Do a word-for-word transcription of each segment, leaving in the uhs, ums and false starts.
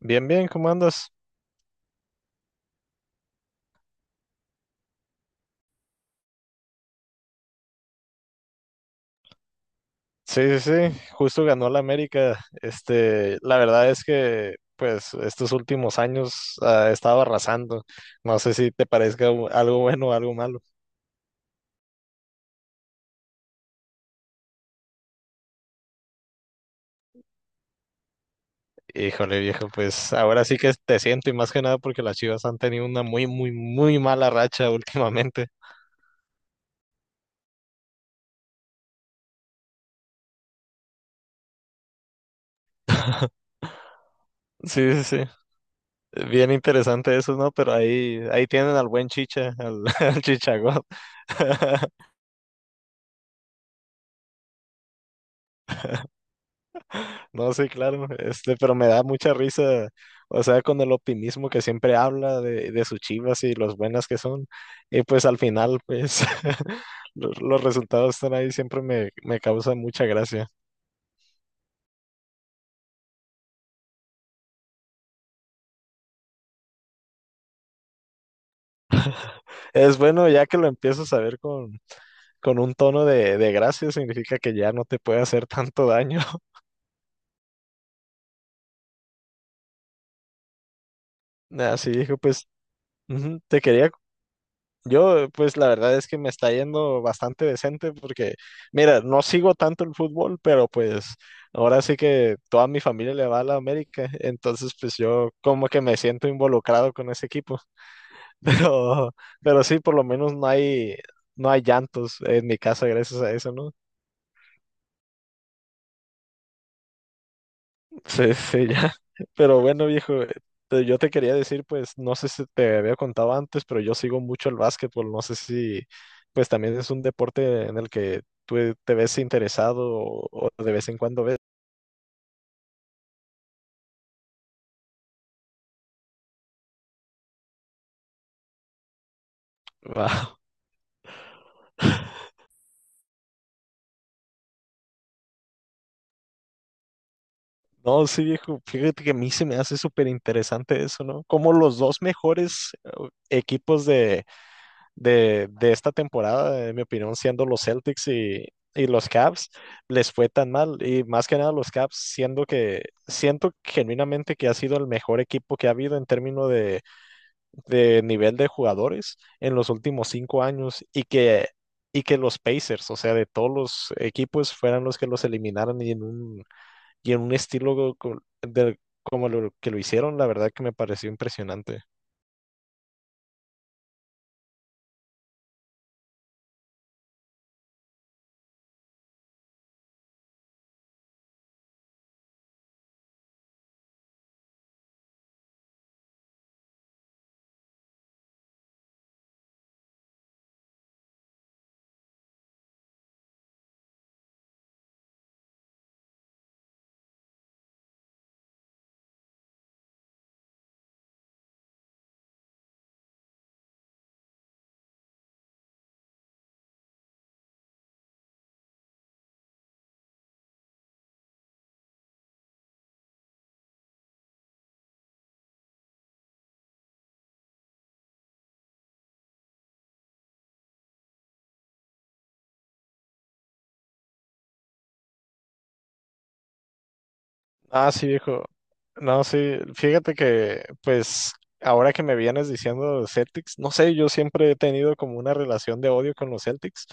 Bien, bien, ¿cómo andas? Sí, sí, sí, justo ganó la América. Este, la verdad es que, pues, estos últimos años ha estado arrasando. No sé si te parezca u- algo bueno o algo malo. Híjole, viejo, pues ahora sí que te siento y más que nada porque las Chivas han tenido una muy, muy, muy mala racha últimamente. Sí, sí, sí. Bien interesante eso, ¿no? Pero ahí, ahí tienen al buen Chicha, al, al Chichagol. No, sí, claro, este, pero me da mucha risa, o sea, con el optimismo que siempre habla de, de sus chivas y los buenas que son, y pues al final, pues, los, los resultados están ahí, siempre me, me causa mucha gracia. Es bueno, ya que lo empiezas a ver con, con un tono de, de gracia, significa que ya no te puede hacer tanto daño. Así dijo, pues, ujú, te quería. Yo, pues la verdad es que me está yendo bastante decente porque, mira, no sigo tanto el fútbol, pero pues ahora sí que toda mi familia le va a la América, entonces pues yo como que me siento involucrado con ese equipo, pero, pero sí, por lo menos no hay, no hay llantos en mi casa gracias a eso, ¿no? Sí, sí, ya. Pero bueno, viejo, te- yo te quería decir, pues, no sé si te había contado antes, pero yo sigo mucho el básquetbol. No sé si, pues, también es un deporte en el que tú eh, te ves interesado o, o de vez en cuando ves. Wow. No, sí, viejo, fíjate que a mí se me hace súper interesante eso, ¿no? Como los dos mejores eh, equipos de, de, de esta temporada, en mi opinión, siendo los Celtics y, y los Cavs, les fue tan mal. Y más que nada los Cavs, siendo que siento genuinamente que ha sido el mejor equipo que ha habido en términos de, de nivel de jugadores en los últimos cinco años y que, y que los Pacers, o sea, de todos los equipos, fueran los que los eliminaran y en un, y en un estilo co- de- como lo que lo hicieron, la verdad que me pareció impresionante. Ah, sí, viejo. No, sí, fíjate que, pues, ahora que me vienes diciendo de los Celtics, no sé, yo siempre he tenido como una relación de odio con los Celtics.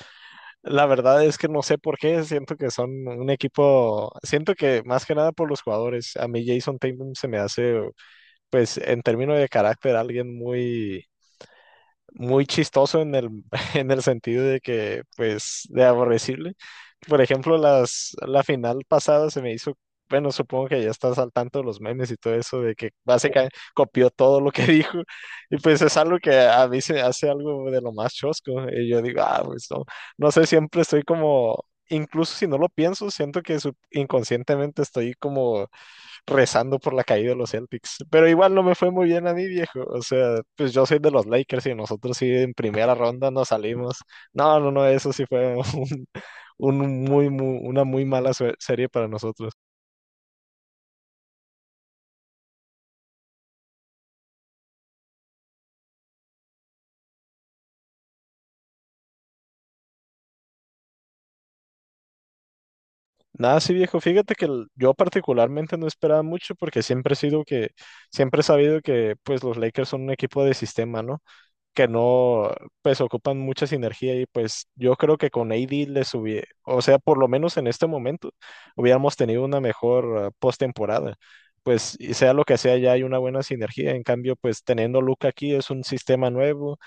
La verdad es que no sé por qué, siento que son un equipo, siento que más que nada por los jugadores. A mí Jason Tatum se me hace, pues, en términos de carácter, alguien muy muy chistoso en el, en el sentido de que, pues, de aborrecible. Por ejemplo, las, la final pasada se me hizo, bueno, supongo que ya estás al tanto de los memes y todo eso, de que básicamente copió todo lo que dijo. Y pues es algo que a mí se me hace algo de lo más chosco. Y yo digo, ah, pues no, no sé, siempre estoy como, incluso si no lo pienso, siento que sub- inconscientemente estoy como rezando por la caída de los Celtics. Pero igual no me fue muy bien a mí, viejo. O sea, pues yo soy de los Lakers y nosotros sí en primera ronda nos salimos. No, no, no, eso sí fue un, un muy, muy- una muy mala sue- serie para nosotros. Nada, sí, viejo. Fíjate que el- yo particularmente no esperaba mucho porque siempre he sido que, siempre he sabido que pues los Lakers son un equipo de sistema, ¿no? Que no, pues ocupan mucha sinergia y pues yo creo que con A D les hubiera, o sea, por lo menos en este momento, hubiéramos tenido una mejor eh, postemporada. Pues y sea lo que sea, ya hay una buena sinergia. En cambio, pues teniendo Luca aquí es un sistema nuevo,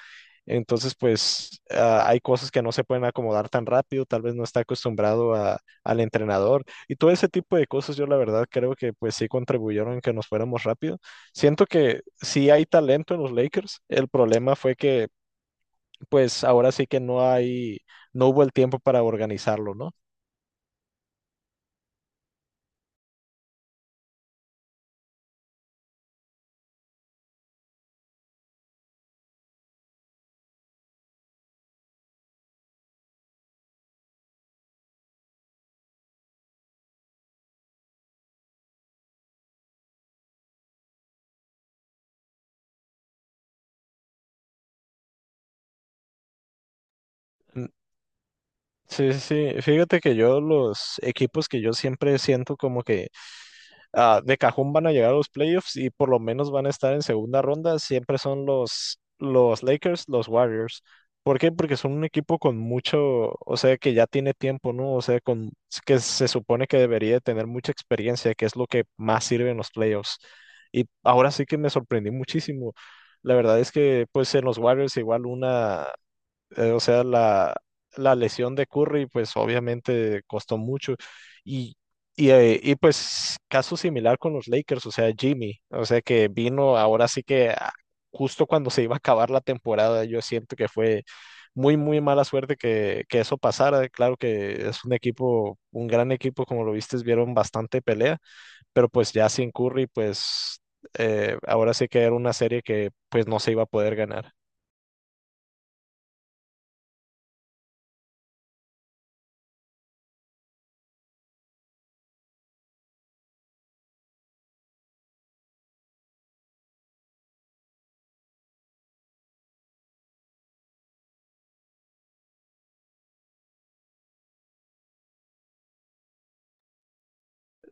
entonces pues ah, hay cosas que no se pueden acomodar tan rápido, tal vez no está acostumbrado a- al entrenador y todo ese tipo de cosas. Yo la verdad creo que pues sí contribuyeron en que nos fuéramos rápido. Siento que sí hay talento en los Lakers, el problema fue que pues ahora sí que no hay, no hubo el tiempo para organizarlo, ¿no? Mm, Sí, sí, sí. Fíjate que yo los equipos que yo siempre siento como que ah, de cajón van a llegar a los playoffs y por lo menos van a estar en segunda ronda, siempre son los, los Lakers, los Warriors. ¿Por qué? Porque son un equipo con mucho, o sea, que ya tiene tiempo, ¿no? O sea, con, que se supone que debería de tener mucha experiencia, que es lo que más sirve en los playoffs. Y ahora sí que me sorprendí muchísimo. La verdad es que, pues, en los Warriors igual una, eh, o sea, la, la lesión de Curry, pues obviamente costó mucho. Y, y, eh, y, pues caso similar con los Lakers, o sea, Jimmy, o sea, que vino ahora sí que ah, justo cuando se iba a acabar la temporada, yo siento que fue muy, muy mala suerte que, que eso pasara. Claro que es un equipo, un gran equipo, como lo viste, vieron bastante pelea, pero pues ya sin Curry, pues eh, ahora sí que era una serie que pues no se iba a poder ganar.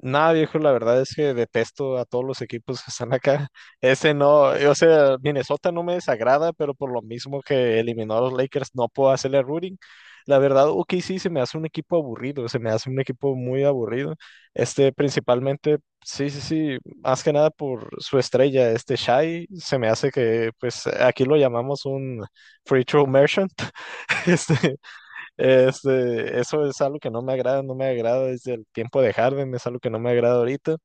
Nada, viejo, la verdad es que detesto a todos los equipos que están acá. Ese no, o sea, Minnesota no me desagrada, pero por lo mismo que eliminó a los Lakers, no puedo hacerle rooting. La verdad, o OKC se me hace un equipo aburrido, se me hace un equipo muy aburrido. Este, principalmente, sí, sí, sí, más que nada por su estrella, este Shai, se me hace que, pues, aquí lo llamamos un free throw merchant. Este, este, eso es algo que no me agrada, no me agrada desde el tiempo de Harden, es algo que no me agrada ahorita.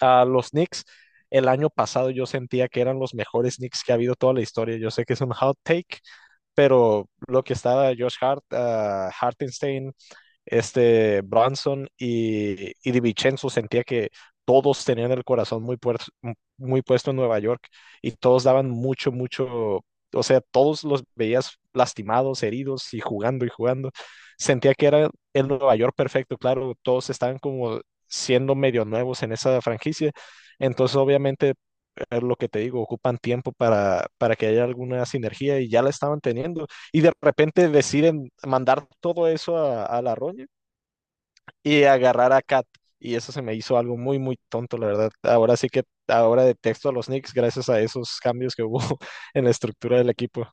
A los Knicks, el año pasado yo sentía que eran los mejores Knicks que ha habido toda la historia. Yo sé que es un hot take, pero lo que estaba Josh Hart, ah, Hartenstein, este Bronson y, y Di Vincenzo, sentía que todos tenían el corazón muy, puer- muy puesto en Nueva York y todos daban mucho, mucho, o sea, todos los veías lastimados, heridos y jugando y jugando. Sentía que era el Nueva York perfecto, claro, todos estaban como siendo medio nuevos en esa franquicia. Entonces, obviamente, es lo que te digo, ocupan tiempo para, para que haya alguna sinergia y ya la estaban teniendo. Y de repente deciden mandar todo eso a, a la roña y agarrar a Cat. Y eso se me hizo algo muy, muy tonto, la verdad. Ahora sí que ahora detesto a los Knicks gracias a esos cambios que hubo en la estructura del equipo.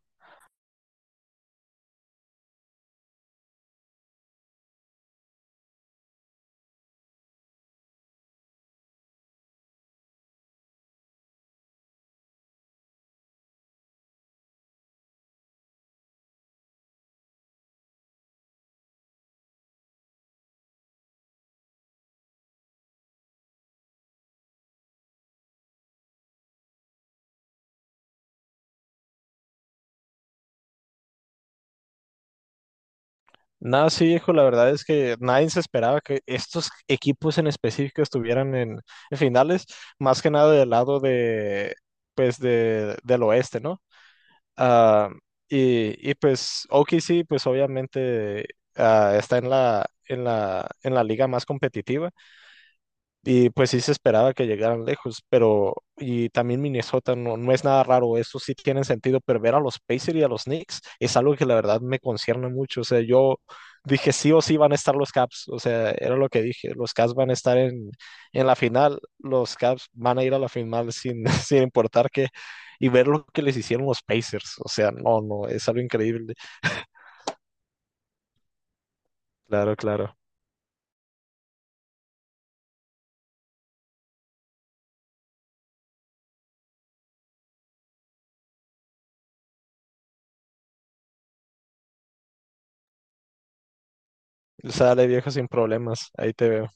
No, sí, hijo, la verdad es que nadie se esperaba que estos equipos en específico estuvieran en, en finales, más que nada del lado de, pues, de, del oeste, ¿no? Ah, y, y pues O K C, pues obviamente ah, está en la, en la, en la liga más competitiva. Y pues sí se esperaba que llegaran lejos, pero y también Minnesota no, no es nada raro, eso sí tiene sentido, pero ver a los Pacers y a los Knicks es algo que la verdad me concierne mucho, o sea, yo dije sí o sí van a estar los Caps, o sea, era lo que dije, los Caps van a estar en, en la final, los Caps van a ir a la final sin, sin importar qué, y ver lo que les hicieron los Pacers, o sea, no, no, es algo increíble, claro, claro, sale viejo sin problemas, ahí te veo.